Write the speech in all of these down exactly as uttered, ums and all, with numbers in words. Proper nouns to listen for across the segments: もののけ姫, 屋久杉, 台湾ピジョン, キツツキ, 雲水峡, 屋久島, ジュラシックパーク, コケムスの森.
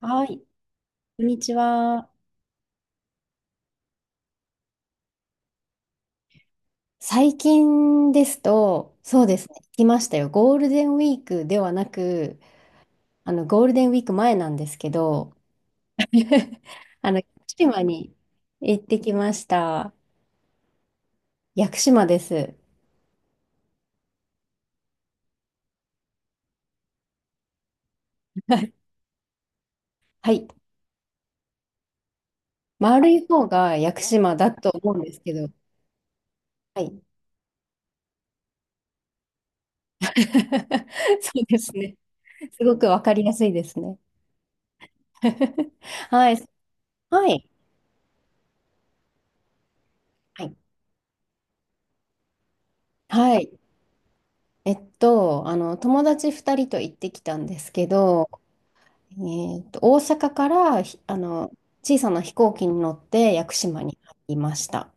はい、こんにちは。最近ですと、そうですね、来ましたよ。ゴールデンウィークではなく、あの、ゴールデンウィーク前なんですけど、あの、屋久島に行ってきました。屋久島です。はい。丸い方が屋久島だと思うんですけど、はい。そうですね。すごくわかりやすいですね。はい。はい。はい。はい。えっと、あの、友達ふたりと行ってきたんですけど、えっと、大阪からひ、あの、小さな飛行機に乗って屋久島に入りました。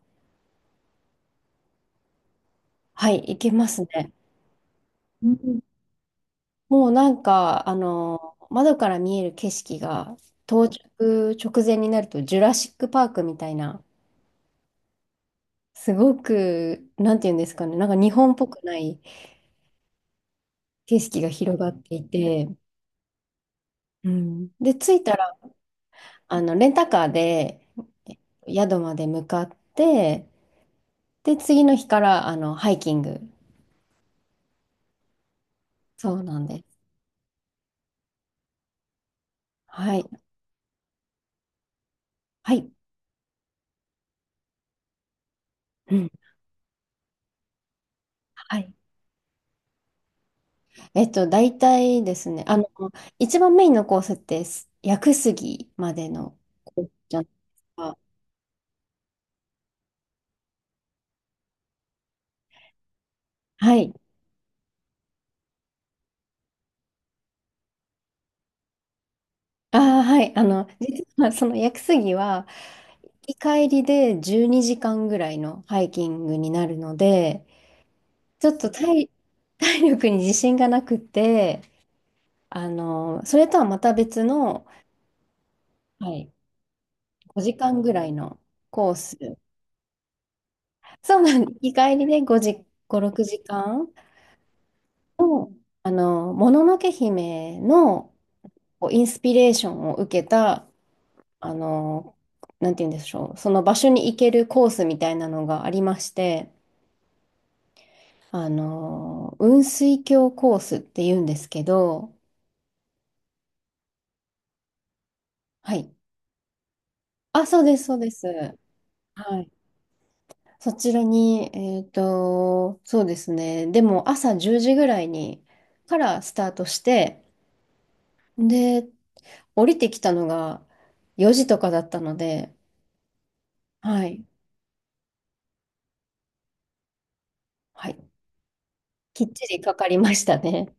はい、行けますね。うんもうなんか、あの、窓から見える景色が、到着直前になるとジュラシックパークみたいな、すごく、なんていうんですかね、なんか日本っぽくない景色が広がっていて、うん、で、着いたら、あの、レンタカーで宿まで向かって、で、次の日から、あの、ハイキング。そうなんです。はい。はい。うん。はい。えっと、大体ですね、あの、一番メインのコースって、す屋久杉までのコースじゃないですか。はい。ああ、はい。あの、実はその屋久杉は、行き帰りでじゅうにじかんぐらいのハイキングになるので、ちょっと体、体力に自信がなくて、あの、それとはまた別の、はい、ごじかんぐらいのコース。そうなんです。日帰りでごじ、ご、ろくじかんの、あの、もののけ姫のこうインスピレーションを受けた、あの、なんて言うんでしょう、その場所に行けるコースみたいなのがありまして、あの、雲水峡コースって言うんですけど、はい。あ、そうです、そうです。はい。そちらに、えっと、そうですね。でも朝じゅうじぐらいにからスタートして、で、降りてきたのがよじとかだったので、はい、はい、きっちりかかりましたね。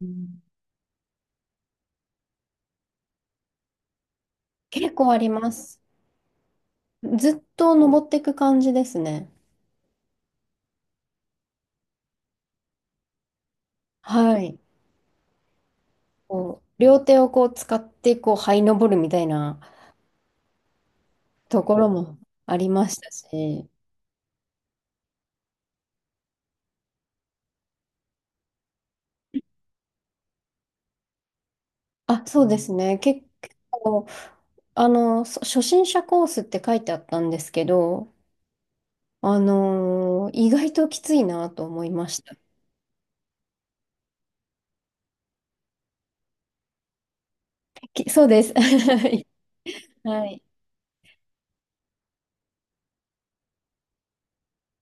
うん結構あります。ずっと登っていく感じですね。はい。こう、両手をこう使って、こう、這い登るみたいなところもありましたし、あ、そうですね。け結構、あの、そ初心者コースって書いてあったんですけど、あのー意外ときついなと思いました。きそうです。はい。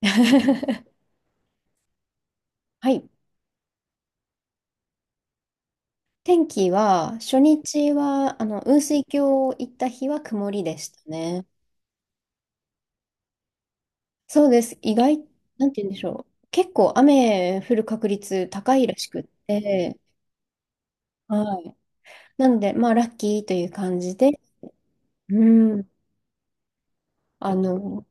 はい。天気は、初日は、あの、雲水峡行った日は曇りでしたね。そうです。意外、なんて言うんでしょう。結構雨降る確率高いらしくって、はい。なので、まあ、ラッキーという感じで、うん。あの、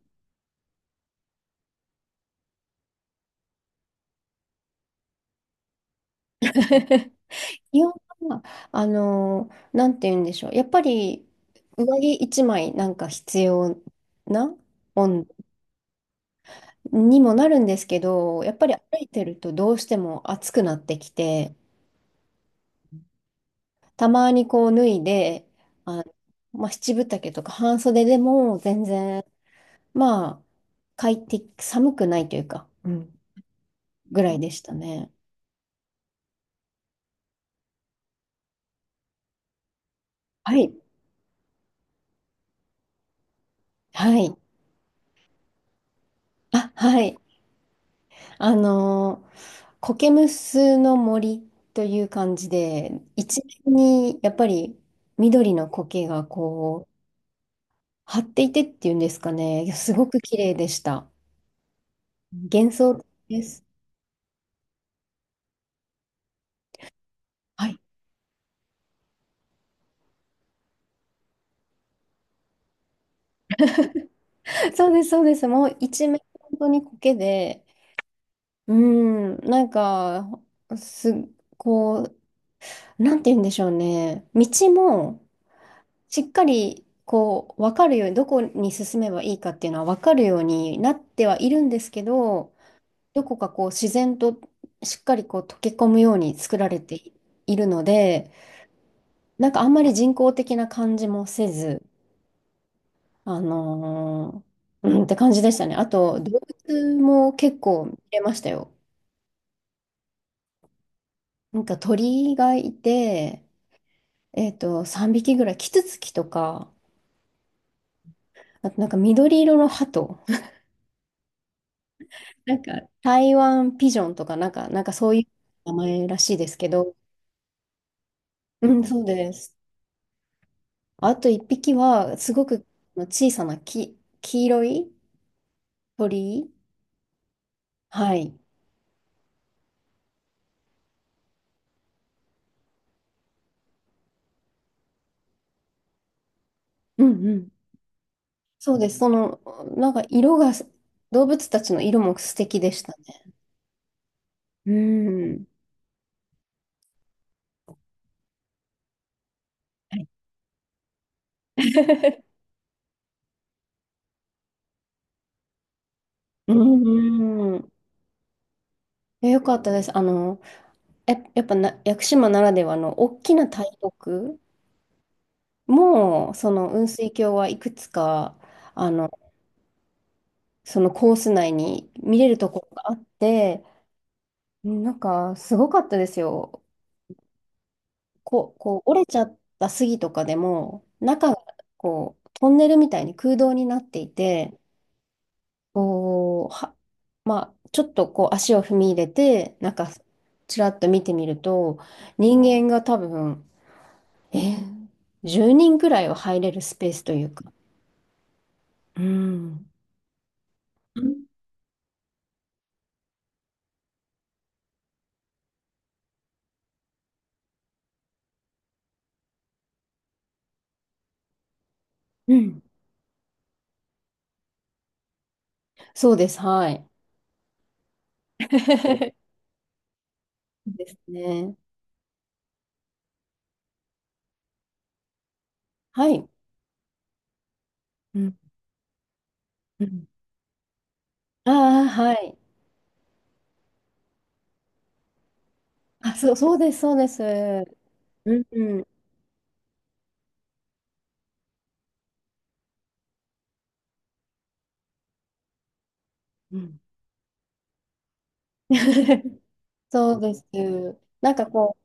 気温は、あのーなんて言うんでしょう。やっぱり、上着一枚なんか必要な温度にもなるんですけど、やっぱり歩いてるとどうしても暑くなってきて、たまにこう脱いで、あ、まあ、七分丈とか半袖でも全然、まあ、快適、寒くないというか、うんぐらいでしたね。はい。はい。あ、はい。あのー、コケムスの森という感じで、一面にやっぱり緑の苔がこう、張っていてっていうんですかね、いやすごく綺麗でした。幻想的です。はい。そうです、そうです。もう一面本当に苔で、うん、なんか、す、こう、なんて言うんでしょうね。道も、しっかりこう分かるようにどこに進めばいいかっていうのは分かるようになってはいるんですけど、どこかこう自然としっかりこう溶け込むように作られているので、なんかあんまり人工的な感じもせず、あのーうんって感じでしたね。あと動物も結構見れましたよ。なんか鳥がいて、えっと、さんびきぐらいキツツキとか、あとなんか緑色の鳩、なんか台湾ピジョンとかなんか、なんかそういう名前らしいですけど、うん、そうです。あと一匹はすごく小さなき、黄色い鳥。はい。うんうん。そうです。その、なんか色が、動物たちの色も素敵でしたね。うん。はい。 うんうん。えよかったです。あの、や、やっぱな、屋久島ならではの大きな大木も、その雲水峡はいくつか、あの、そのコース内に見れるところがあって、うんなんかすごかったですよ。こう、こう折れちゃった杉とかでも、中がこうトンネルみたいに空洞になっていて、こう、は、まあ、ちょっとこう足を踏み入れて、なんかちらっと見てみると、人間が多分、えー、じゅうにんくらいは入れるスペースというか。うん。うんうん。そうです、はい。ですね。はい。うんうん。ああ、はい。あ、そう、そうです、そうです。うん、うん。うん。 そうです。なんかこう、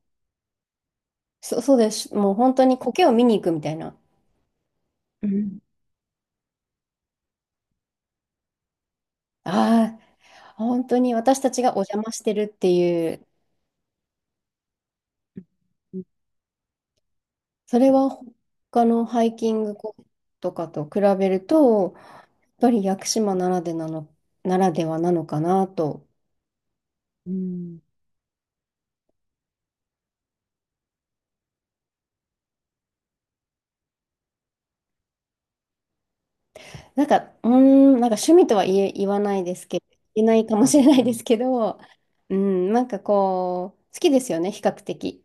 そ、そうです。もう本当に苔を見に行くみたいな。うん。ああ、本当に私たちがお邪魔してるっていう、うんそれは他のハイキングとかと比べると、やっぱり屋久島ならでなの、ならではなのかなと、うんなんか、うーん、なんか趣味とは言え、言わないですけど、言えないかもしれないですけど、うん、なんかこう、好きですよね、比較的。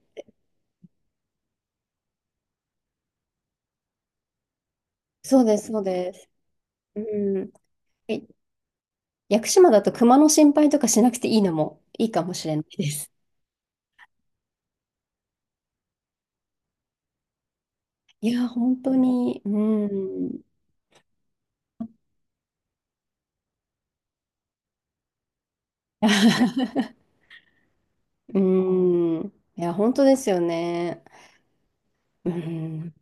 そうです、そうです。うん。え屋久島だと熊の心配とかしなくていいのもいいかもしれないです。いや、本当に、うん。うん。いや、本当ですよね。うん。